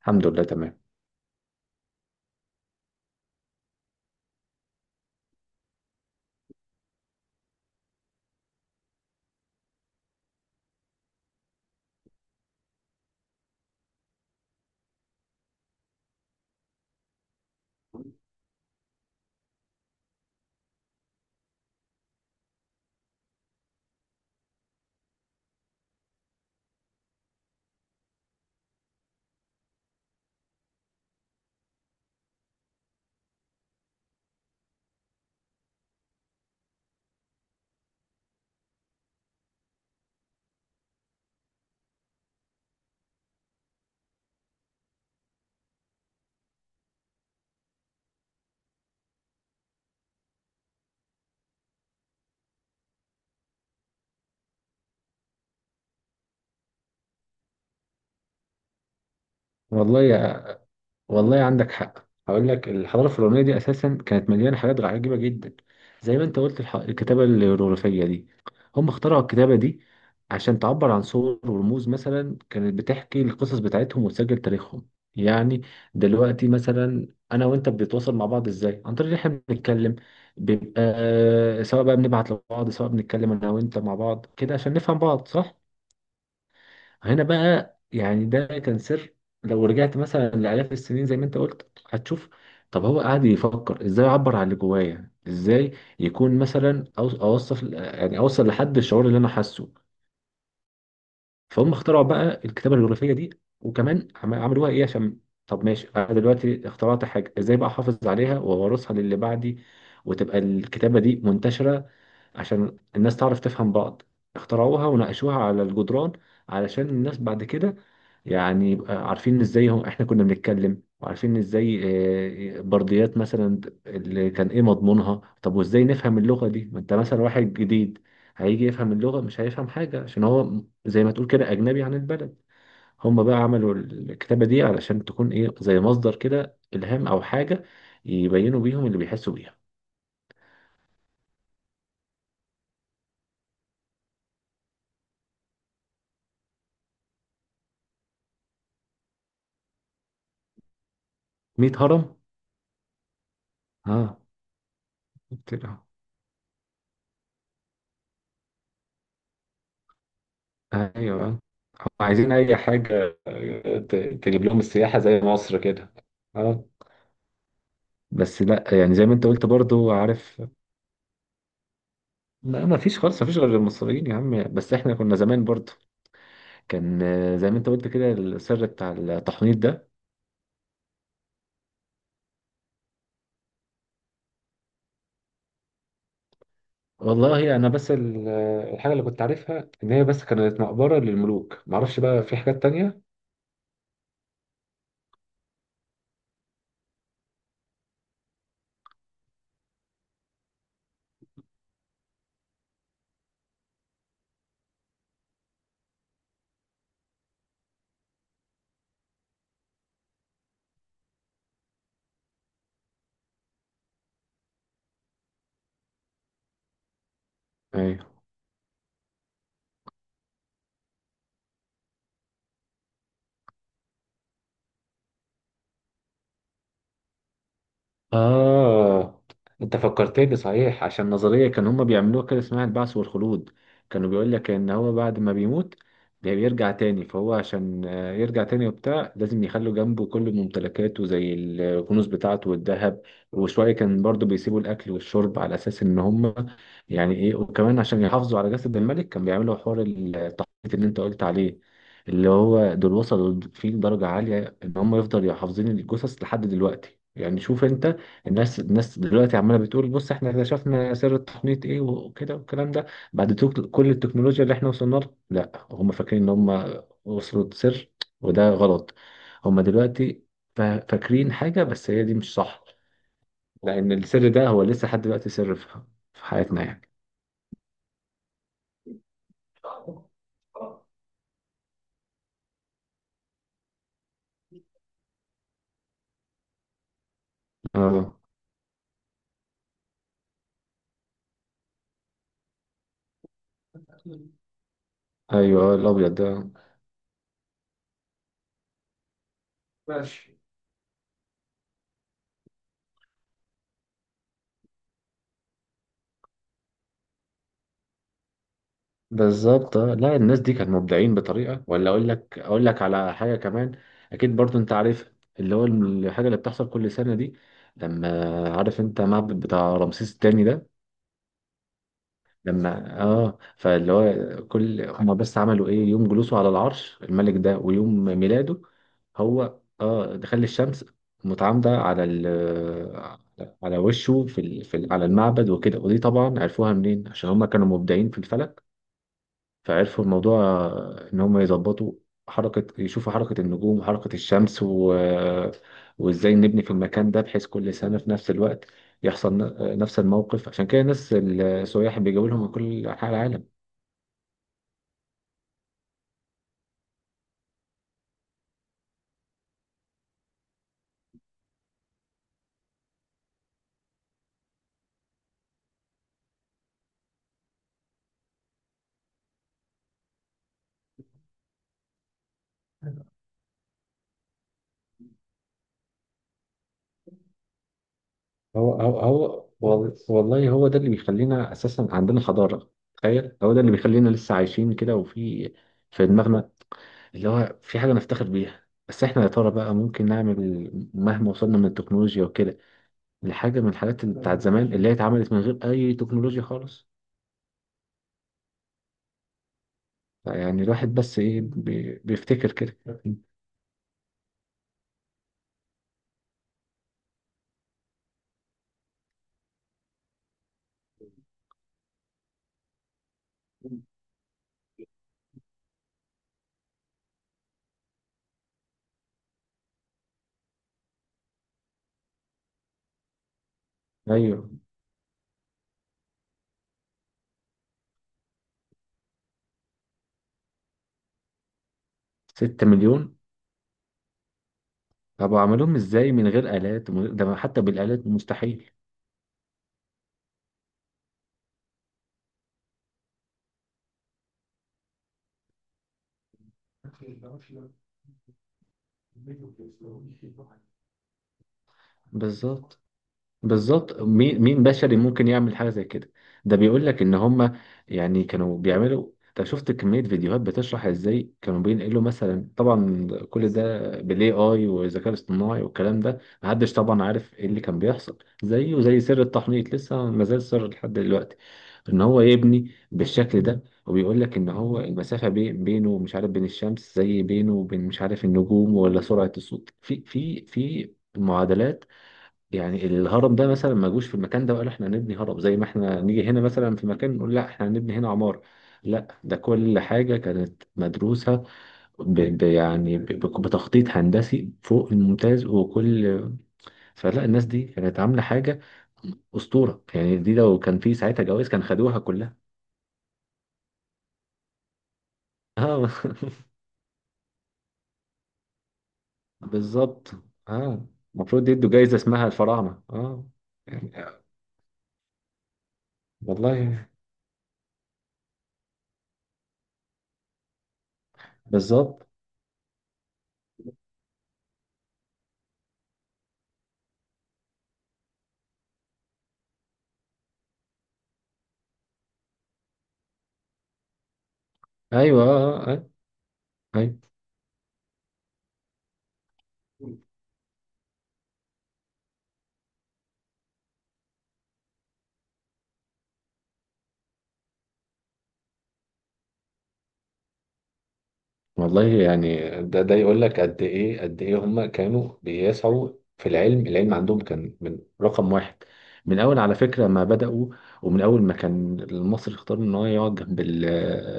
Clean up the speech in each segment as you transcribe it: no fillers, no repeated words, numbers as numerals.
الحمد لله تمام. والله يا... والله عندك حق، هقول لك الحضاره الفرعونيه دي اساسا كانت مليانه حاجات عجيبه جدا. زي ما انت قلت الكتابه الهيروغليفيه دي، هم اخترعوا الكتابه دي عشان تعبر عن صور ورموز. مثلا كانت بتحكي القصص بتاعتهم وتسجل تاريخهم. يعني دلوقتي مثلا انا وانت بنتواصل مع بعض ازاي؟ عن طريق ان احنا بنتكلم، بيبقى سواء بقى بنبعت لبعض، سواء بنتكلم انا وانت مع بعض كده عشان نفهم بعض، صح؟ هنا بقى يعني ده كان سر. لو رجعت مثلا لآلاف السنين زي ما انت قلت هتشوف، طب هو قاعد يفكر ازاي اعبر عن اللي جوايا، ازاي يكون مثلا اوصف يعني اوصل لحد الشعور اللي انا حاسه. فهم اخترعوا بقى الكتابة الجغرافية دي، وكمان عملوها ايه عشان، طب ماشي انا دلوقتي اخترعت حاجة، ازاي بقى احافظ عليها وورثها للي بعدي وتبقى الكتابة دي منتشرة عشان الناس تعرف تفهم بعض. اخترعوها وناقشوها على الجدران علشان الناس بعد كده يعني يبقى عارفين ازاي هم احنا كنا بنتكلم، وعارفين ازاي. برديات مثلا، اللي كان ايه مضمونها، طب وازاي نفهم اللغة دي؟ ما انت مثلا واحد جديد هيجي يفهم اللغة، مش هيفهم حاجة، عشان هو زي ما تقول كده أجنبي عن البلد. هم بقى عملوا الكتابة دي علشان تكون ايه، زي مصدر كده إلهام أو حاجة، يبينوا بيهم اللي بيحسوا بيها. 100 هرم؟ اه، ايوه هم عايزين اي حاجه ت- تجيب لهم السياحه زي مصر كده. اه، بس لا يعني زي ما انت قلت برضو، عارف، ما فيش خالص، ما فيش غير المصريين يا عم، بس احنا كنا زمان برضو كان، زي ما انت قلت كده، السر بتاع التحنيط ده. والله انا بس الحاجه اللي كنت عارفها ان هي بس كانت مقبره للملوك، معرفش بقى في حاجات تانية. ايوه. آه، أنت فكرتني صحيح، عشان نظرية كان هما بيعملوها كده اسمها البعث والخلود. كانوا بيقول لك إن هو بعد ما بيموت بيرجع تاني، فهو عشان يرجع تاني وبتاع، لازم يخلوا جنبه كل ممتلكاته زي الكنوز بتاعته والذهب وشوية، كان برضو بيسيبوا الأكل والشرب على أساس إن هما يعني إيه. وكمان عشان يحافظوا على جسد الملك كان بيعملوا حوار التحنيط اللي أنت قلت عليه، اللي هو دول وصلوا فيه لدرجة عالية إن هم يفضلوا حافظين الجثث لحد دلوقتي. يعني شوف أنت، الناس دلوقتي عماله بتقول، بص احنا اكتشفنا سر التقنية ايه وكده والكلام ده، بعد كل التكنولوجيا اللي احنا وصلنا لها. لا، هم فاكرين ان هم وصلوا لسر، وده غلط. هم دلوقتي فاكرين حاجة بس هي دي مش صح، لأن السر ده هو لسه لحد دلوقتي سر في حياتنا يعني. اه ايوه الابيض ده. ماشي. بالظبط. آه. لا الناس دي كانوا مبدعين بطريقه ولا، اقول لك اقول لك على حاجه كمان، اكيد برضو انت عارف اللي هو الحاجه اللي بتحصل كل سنه دي، لما، عارف انت معبد بتاع رمسيس الثاني ده؟ لما اه، فاللي هو كل هما بس عملوا ايه يوم جلوسه على العرش الملك ده ويوم ميلاده، هو اه دخل الشمس متعامده على على وشه في على المعبد وكده. ودي طبعا عرفوها منين؟ عشان هما كانوا مبدعين في الفلك. فعرفوا الموضوع، إن هم يظبطوا حركة، يشوفوا حركة النجوم وحركة الشمس وإزاي نبني في المكان ده بحيث كل سنة في نفس الوقت يحصل نفس الموقف. عشان كده الناس السياح بيجوا لهم من كل أنحاء العالم. والله هو ده اللي بيخلينا أساسا عندنا حضارة. تخيل، هو ده اللي بيخلينا لسه عايشين كده، وفي دماغنا اللي هو في حاجة نفتخر بيها. بس احنا يا ترى بقى ممكن نعمل مهما وصلنا من التكنولوجيا وكده لحاجة من الحاجات اللي بتاعت زمان اللي هي اتعملت من غير أي تكنولوجيا خالص؟ يعني الواحد بس إيه بيفتكر كده. أيوه. 6 مليون؟ طب عملوهم إزاي من غير آلات، من غير، ده حتى بالآلات مستحيل. بالظبط. بالظبط، مين بشري ممكن يعمل حاجه زي كده؟ ده بيقول لك ان هم يعني كانوا بيعملوا، انت شفت كميه فيديوهات بتشرح ازاي كانوا بينقلوا مثلا؟ طبعا كل ده بالاي اي والذكاء الاصطناعي والكلام ده. محدش طبعا عارف ايه اللي كان بيحصل، زيه زي سر التحنيط لسه ما زال سر لحد دلوقتي، ان هو يبني بالشكل ده. وبيقول لك ان هو المسافه بينه مش عارف بين الشمس، زي بينه وبين مش عارف النجوم، ولا سرعه الصوت في معادلات. يعني الهرم ده مثلا ما جوش في المكان ده وقالوا احنا هنبني هرم زي ما احنا نيجي هنا مثلا في مكان نقول لا احنا هنبني هنا عمارة. لا ده كل حاجة كانت مدروسة ب يعني بتخطيط هندسي فوق الممتاز وكل. فلا الناس دي كانت عاملة حاجة أسطورة. يعني دي لو كان في ساعتها جوائز كان خدوها كلها. اه بالظبط. اه. المفروض يدوا جايزة اسمها الفراعنة، اه. يعني آه،. والله. بالظبط. ايوه. اه اه. آه، ايوه. والله يعني ده ده يقول لك قد ايه قد ايه هم كانوا بيسعوا في العلم. العلم عندهم كان من رقم واحد. من اول على فكره ما بداوا، ومن اول ما كان المصري اختار ان هو يقعد جنب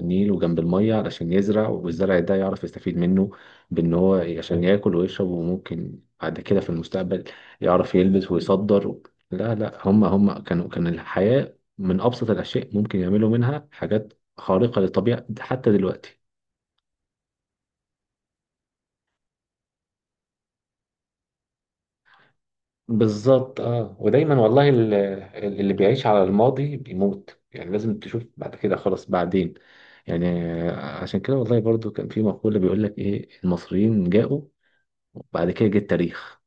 النيل وجنب الميه علشان يزرع، والزرع ده يعرف يستفيد منه بان هو عشان ياكل ويشرب، وممكن بعد كده في المستقبل يعرف يلبس ويصدر. لا لا هم، كانوا كان الحياه من ابسط الاشياء ممكن يعملوا منها حاجات خارقه للطبيعه حتى دلوقتي. بالظبط. اه ودايما والله اللي بيعيش على الماضي بيموت، يعني لازم تشوف بعد كده خلاص بعدين. يعني عشان كده والله برضو كان في مقولة بيقول لك ايه، المصريين جاءوا وبعد كده جه التاريخ.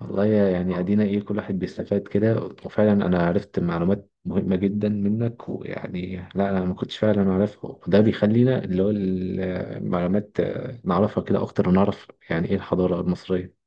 والله يعني ادينا ايه، كل واحد بيستفاد كده. وفعلا انا عرفت معلومات مهمة جدا منك، ويعني لا انا ما كنتش فعلا اعرفها. وده بيخلينا اللي هو المعلومات، نعرفها كده اكتر، ونعرف يعني ايه الحضارة المصرية.